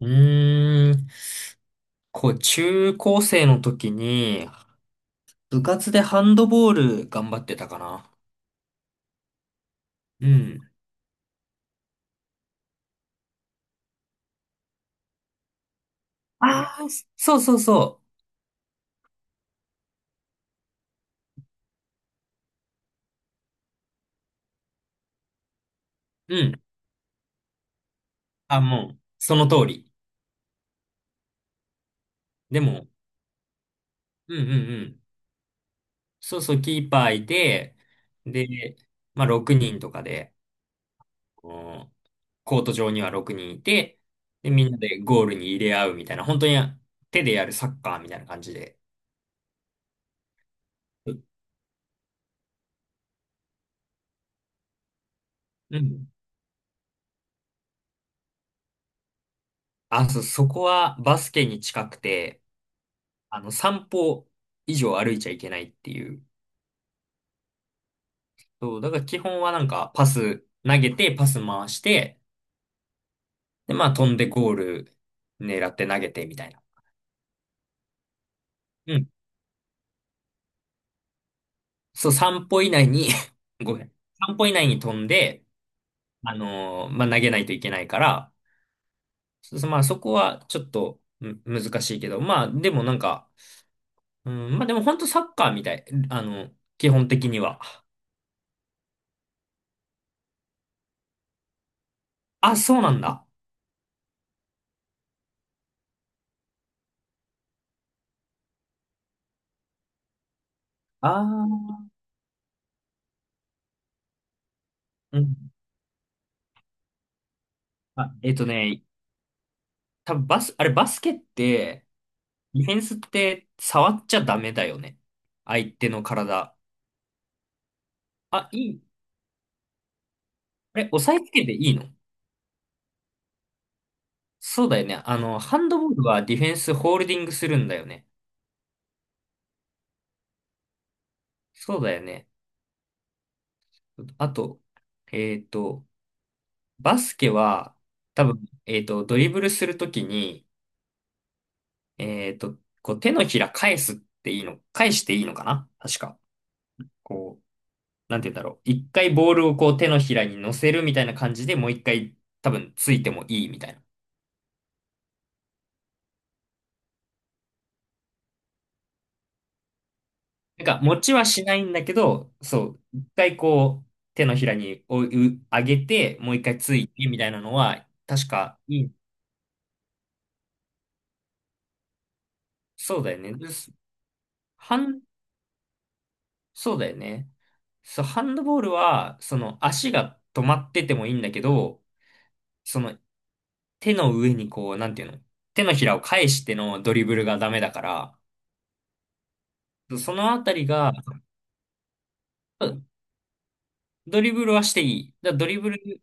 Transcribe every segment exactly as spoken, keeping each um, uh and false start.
うーん。こう、中高生の時に、部活でハンドボール頑張ってたかな。うん。ああ、そうそうそう。うん。あ、もう、その通り。でも、うんうんうん。そうそう、キーパーいて、で、まあ、ろくにんとかで、こうコート上にはろくにんいて、で、みんなでゴールに入れ合うみたいな、本当に手でやるサッカーみたいな感じで。うん。あ、そう、そこはバスケに近くて、あの、散歩以上歩いちゃいけないっていう。そう、だから基本はなんかパス投げて、パス回して、で、まあ飛んでゴール狙って投げてみたいな。うん。そう、さん歩以内に ごめん。さん歩以内に飛んで、あのーまあ投げないといけないから、そうそうまあそこはちょっとむ難しいけど、まあでもなんか、うん、まあでも本当サッカーみたい。あの、基本的には。あ、そうなんだ。ああ。うん。あ、えっとね、多分バス、あれバスケって、ディフェンスって触っちゃダメだよね。相手の体。あ、いい。あれ、押さえつけていいの？そうだよね。あの、ハンドボールはディフェンスホールディングするんだよね。そうだよね。あと、えっと、バスケは、多分、えっと、ドリブルするときに、えっと、こう手のひら返すっていいの、返していいのかな確か。こうなんて言うんだろう。一回ボールをこう手のひらに乗せるみたいな感じでもう一回多分ついてもいいみたいな。なんか持ちはしないんだけど、そう、一回こう手のひらにおう上げてもう一回ついてみたいなのは確かいい。そうだよね。です。ハン、そうだよね。そう、ハンドボールはその足が止まっててもいいんだけど、その手の上にこう、なんていうの？手のひらを返してのドリブルがダメだから、そのあたりが、ドリブルはしていい。だからドリブル、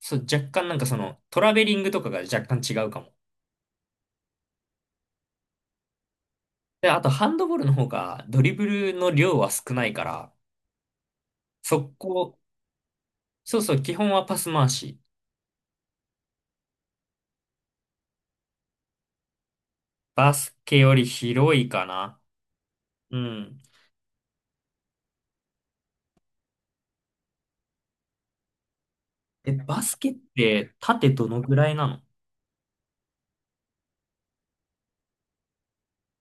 そう、若干なんかその、トラベリングとかが若干違うかも。で、あとハンドボールの方がドリブルの量は少ないから、速攻、そうそう、基本はパス回し。バスケより広いかな。うん。え、バスケって縦どのぐらいなの？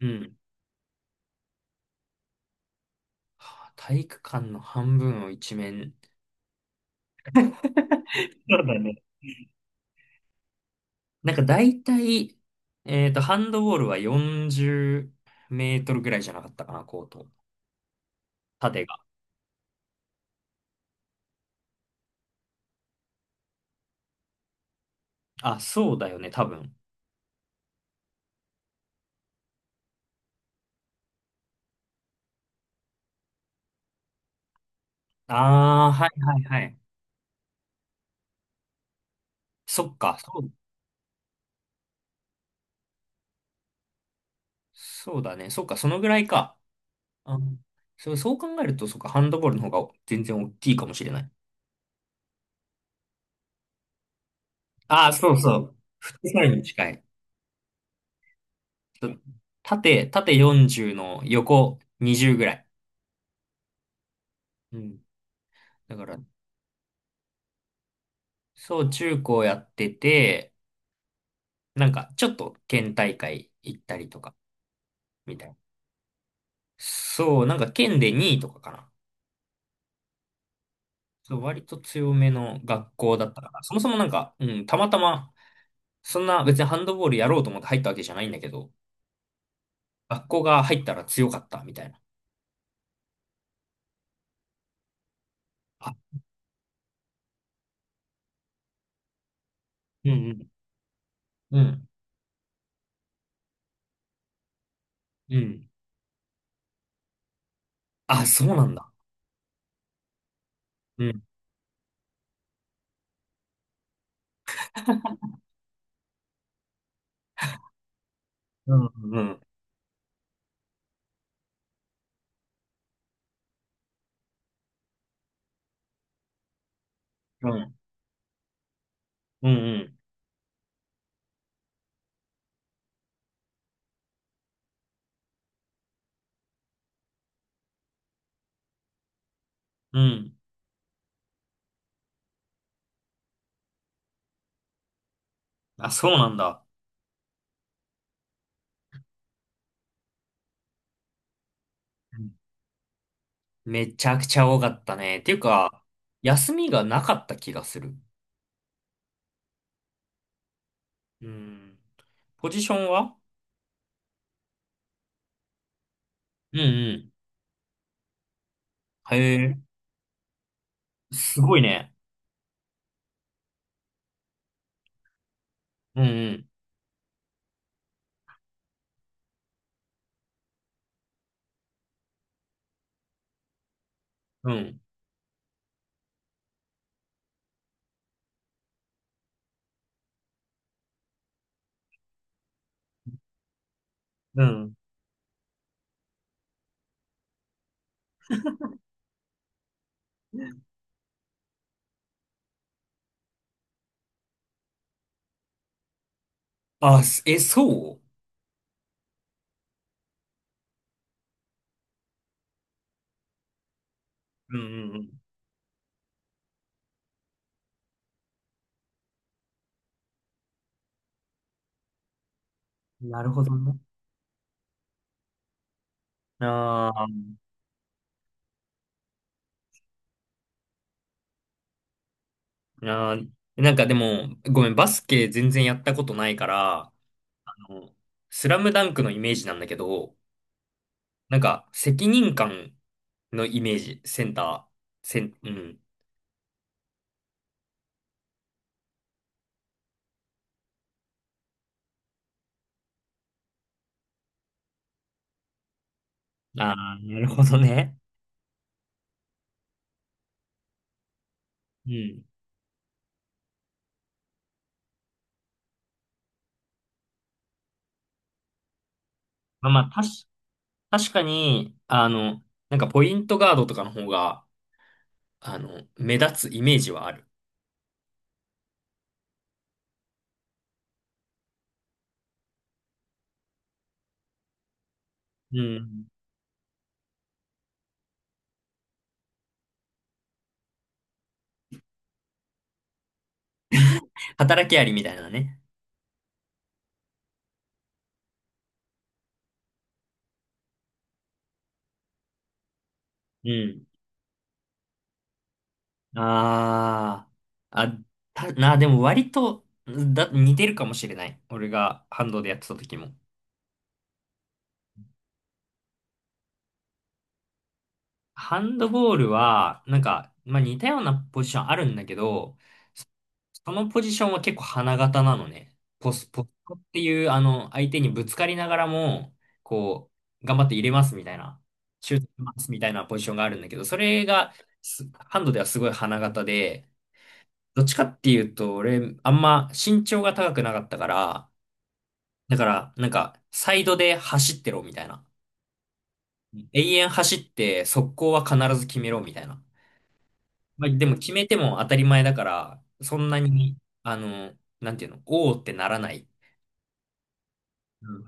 うん。はあ体育館の半分を一面。そうだね。なんか大体、えっと、ハンドボールはよんじゅうメートルぐらいじゃなかったかな、コート。縦。あ、そうだよね、多分。ああ、はいはいはい。そっか、そう、そうだね。そっか、そのぐらいか。うん。そう、そう考えると、そっか、ハンドボールの方が全然大きいかもしれない。ああ、そうそう。フットサルに近い。そう、縦、縦よんじゅうの横にじゅうぐらい。うん。だから、そう、中高やってて、なんか、ちょっと県大会行ったりとか、みたいな。そう、なんか県でにいとかかな。そう、割と強めの学校だったから、そもそもなんか、うん、たまたま、そんな別にハンドボールやろうと思って入ったわけじゃないんだけど、学校が入ったら強かったみたいな。あ、うんうん、うん、うん。あ、そうなんだ。うん、うん、うん、うん、うん、うん。うん、あ、そうなんだ。うん、めちゃくちゃ多かったね。っていうか、休みがなかった気がする。うん。ポジションは？うんうん。へえ、すごいね。うんうん、うん、うん。あ、すえ、そうんうんうなるほどね。うん。あーあー、なんかでも、ごめん、バスケ全然やったことないから、あの、スラムダンクのイメージなんだけど、なんか、責任感のイメージ、センター、セン、うん。ああ、なるほどね。うん。まあまあ、たし、確かに、あの、なんかポイントガードとかの方が、あの、目立つイメージはある。うん。働きありみたいなね。うん。ああ、あ、た、な、でも割と、だ、似てるかもしれない。俺がハンドでやってた時も。ハンドボールは、なんか、まあ似たようなポジションあるんだけど、そのポジションは結構花形なのね。ポス、ポストっていう、あの、相手にぶつかりながらも、こう、頑張って入れますみたいな、シュートしますみたいなポジションがあるんだけど、それが、すハンドではすごい花形で、どっちかっていうと、俺、あんま身長が高くなかったから、だから、なんか、サイドで走ってろみたいな。永遠走って、速攻は必ず決めろみたいな。まあ、でも決めても当たり前だから、そんなに、あの、なんていうの、おーってならない。うん、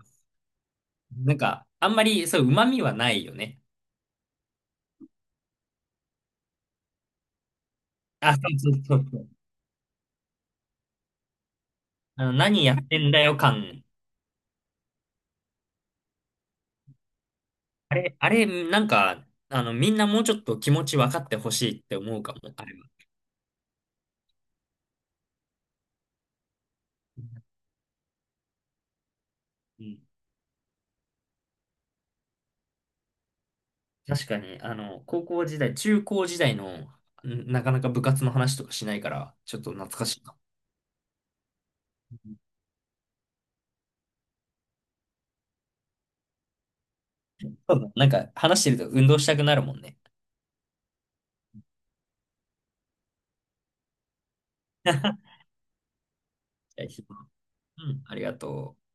なんか、あんまり、そう、旨味はないよね。あ、そうそうそうそう。あの、何やってんだよ感。あれ、あれ、なんか、あの、みんなもうちょっと気持ち分かってほしいって思うかも、あれは。うん、確かに、あの、高校時代、中高時代の、んなかなか部活の話とかしないから、ちょっと懐かしいな。そうだなんか、話してると運動したくなるもんね。じゃあ、うん、ありがとう。